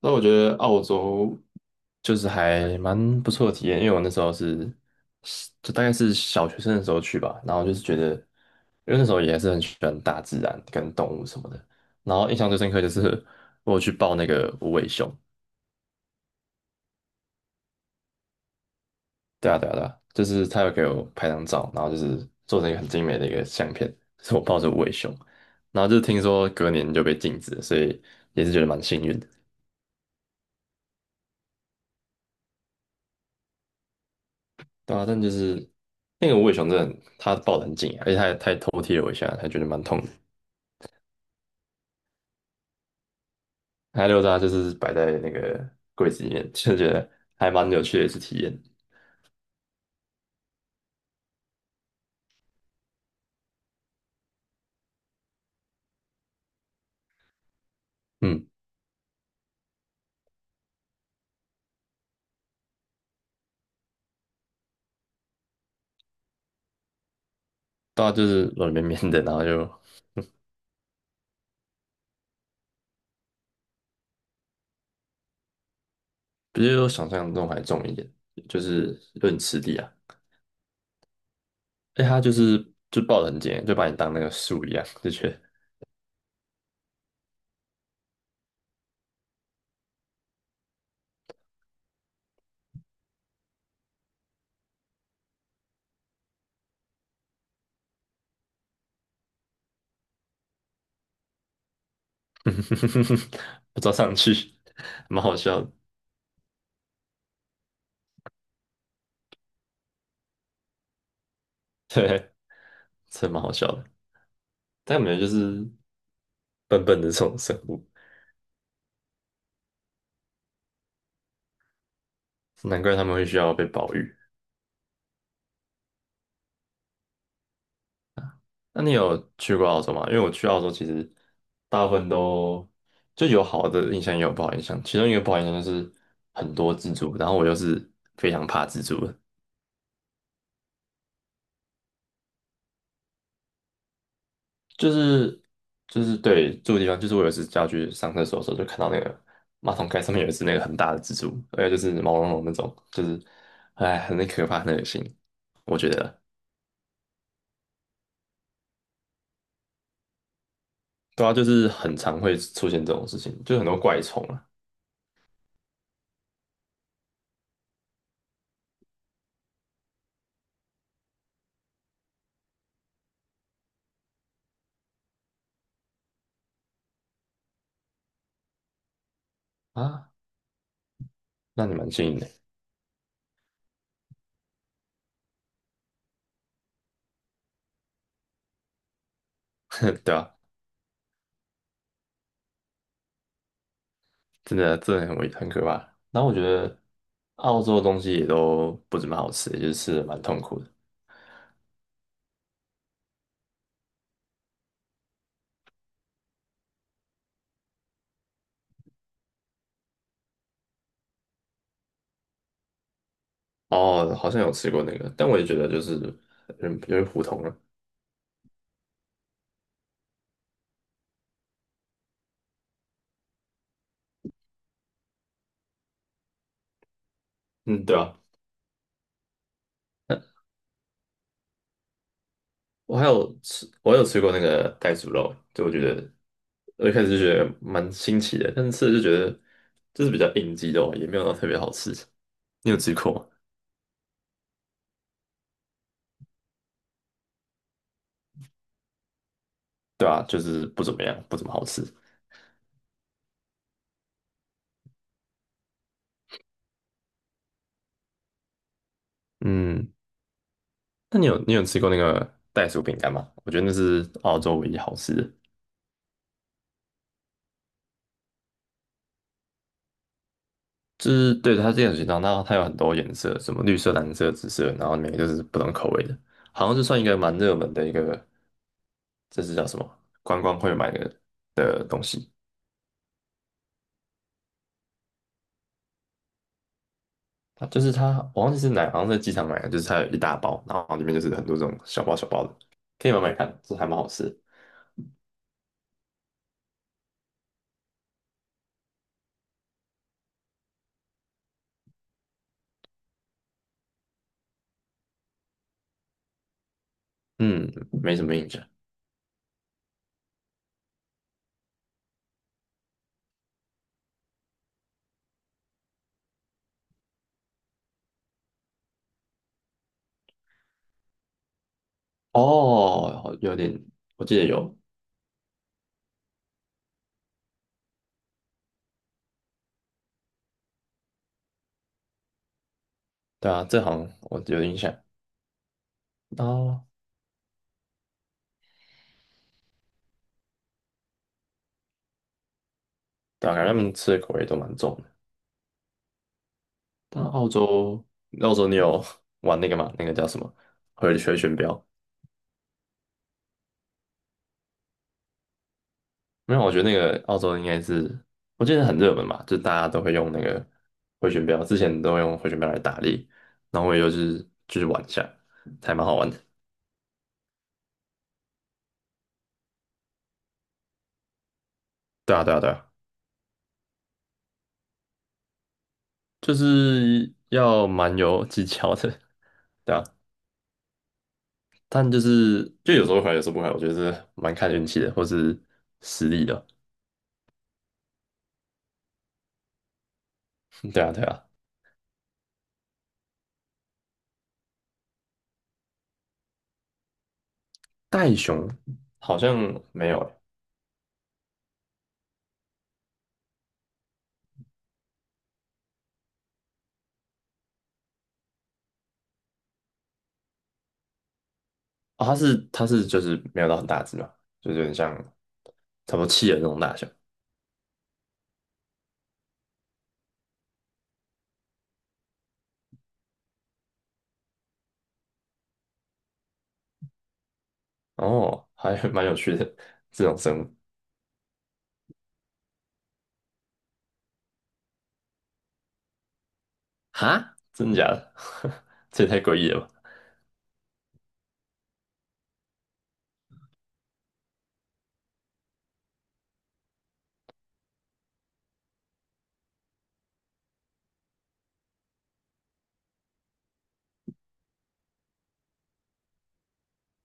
那我觉得澳洲就是还蛮不错的体验，因为我那时候就大概是小学生的时候去吧。然后就是觉得，因为那时候也是很喜欢大自然跟动物什么的，然后印象最深刻就是我有去抱那个无尾熊。对啊，对啊，对啊，就是他有给我拍张照，然后就是做成一个很精美的一个相片，是我抱着无尾熊。然后就是听说隔年就被禁止了，所以也是觉得蛮幸运的。对啊，但就是那个无尾熊真的，它抱得很紧，啊，而且它也偷踢了我一下，还觉得蛮痛的。它溜达就是摆在那个柜子里面，就觉得还蛮有趣的一次体验。嗯，对啊，就是软绵绵的，然后就比我想象中还重一点，就是有点吃力啊。哎，它就是就抱得很紧，就把你当那个树一样，就觉得 不知道上去，蛮好笑的。对，真的蛮好笑的。但感觉就是笨笨的这种生物，难怪他们会需要被保育。那你有去过澳洲吗？因为我去澳洲其实大部分都就有好的印象，也有不好印象。其中一个不好印象就是很多蜘蛛，然后我又是非常怕蜘蛛的。就是就是对住的地方，就是我有一次要去上厕所的时候，就看到那个马桶盖上面有一只那个很大的蜘蛛，而且就是毛茸茸那种，就是哎很可怕，很恶心，我觉得。对啊，就是很常会出现这种事情，就很多怪虫啊。啊，那你蛮幸运的。对吧？真的真的很可怕。然后我觉得澳洲的东西也都不怎么好吃，就是吃的蛮痛苦的。哦，好像有吃过那个，但我也觉得就是有点普通了。嗯，对啊，我有吃过那个袋鼠肉，就我觉得我一开始就觉得蛮新奇的，但是吃了就觉得就是比较应激肉，也没有到特别好吃。你有吃过吗？对啊，就是不怎么样，不怎么好吃。嗯，那你有吃过那个袋鼠饼干吗？我觉得那是澳洲唯一好吃的。就是对它这样形状，后它有很多颜色，什么绿色、蓝色、紫色，然后每个就是不同口味的，好像是算一个蛮热门的一个。这是叫什么？观光会买的东西。它就是它，我忘记是哪，好像在机场买的，就是它有一大包，然后里面就是很多这种小包小包的，可以买买看，这还蛮好吃的。嗯，没什么印象。哦，有点，我记得有。对啊，这好像我有印象。哦，对啊，感觉他们吃的口味都蛮重的。但澳洲，澳洲你有玩那个吗？那个叫什么？回旋镖？没有，我觉得那个澳洲应该是，我记得很热门嘛，就大家都会用那个回旋镖，之前都用回旋镖来打猎，然后我也就是玩一下，还蛮好玩的。对啊，对啊，对啊，就是要蛮有技巧的，对啊。但就是就有时候会，有时候不会，我觉得是蛮看运气的，或是实力的。对啊，对啊。袋熊好像没有欸。哦，它是就是没有到很大只嘛，就是有点像差不多企鹅那种大小。哦，还蛮有趣的这种生物。哈，真的假的？这也太诡异了吧！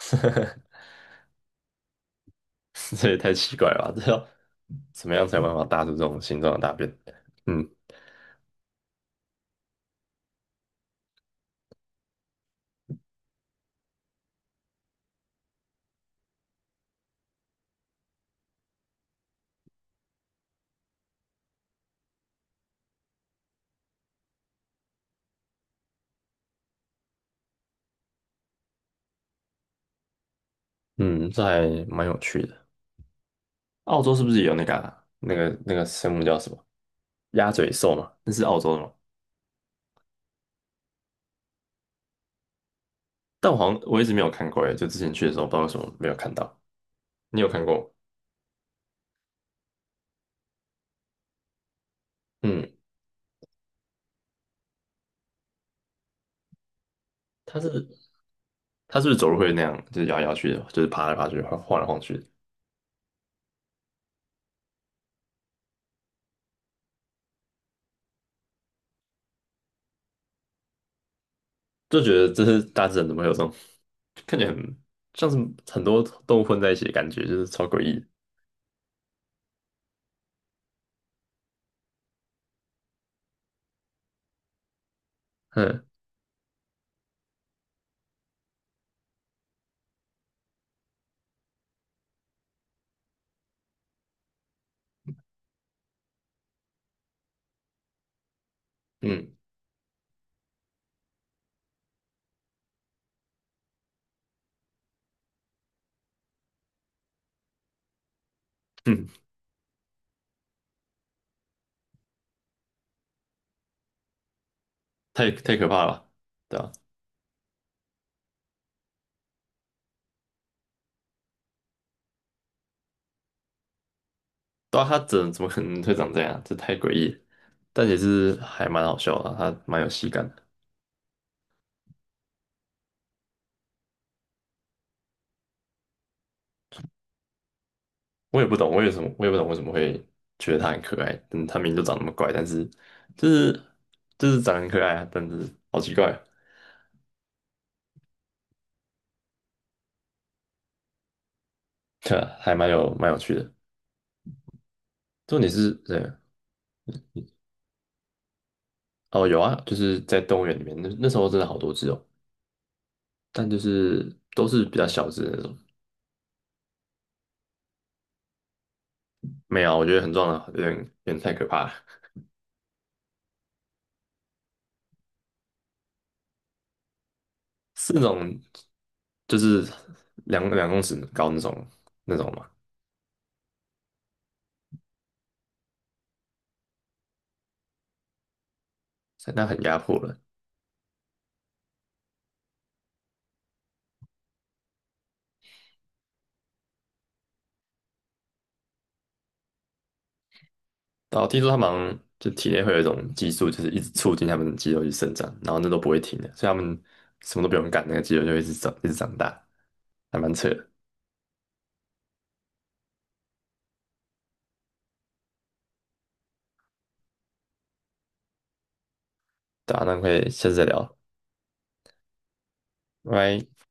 这也太奇怪了吧！这要怎么样才有办法搭出这种形状的大便？嗯。嗯，这还蛮有趣的。澳洲是不是也有那个生物叫什么鸭嘴兽嘛？那是澳洲的吗？但我好像一直没有看过耶，就之前去的时候不知道为什么没有看到。你有看过吗？嗯，它是他是不是走路会那样，就是摇来摇去的，就是爬来爬去，晃来晃去的。就觉得这是大自然怎么会有这种看起来很像是很多动物混在一起的感觉，就是超诡异的。嗯，嗯，嗯，太可怕了吧。对啊，对啊，它怎么可能会长这样？这太诡异了。但也是还蛮好笑的啊，它蛮有喜感的。我也不懂为什么会觉得它很可爱。嗯，它明明就长那么怪，但是就是就是长得很可爱啊。但是好奇怪啊，对啊，还蛮有趣的。重点是，对，哦，有啊，就是在动物园里面，那时候真的好多只哦，但就是都是比较小只的那种。没有啊，我觉得很壮的，有点太可怕了。是那种就是两公尺高那种嘛，那很压迫了。然后听说他们好像就体内会有一种激素，就是一直促进他们的肌肉去生长，然后那都不会停的，所以他们什么都不用干，那个肌肉就会一直长一直长大，还蛮扯的。对啊，那可以下次再聊，拜拜。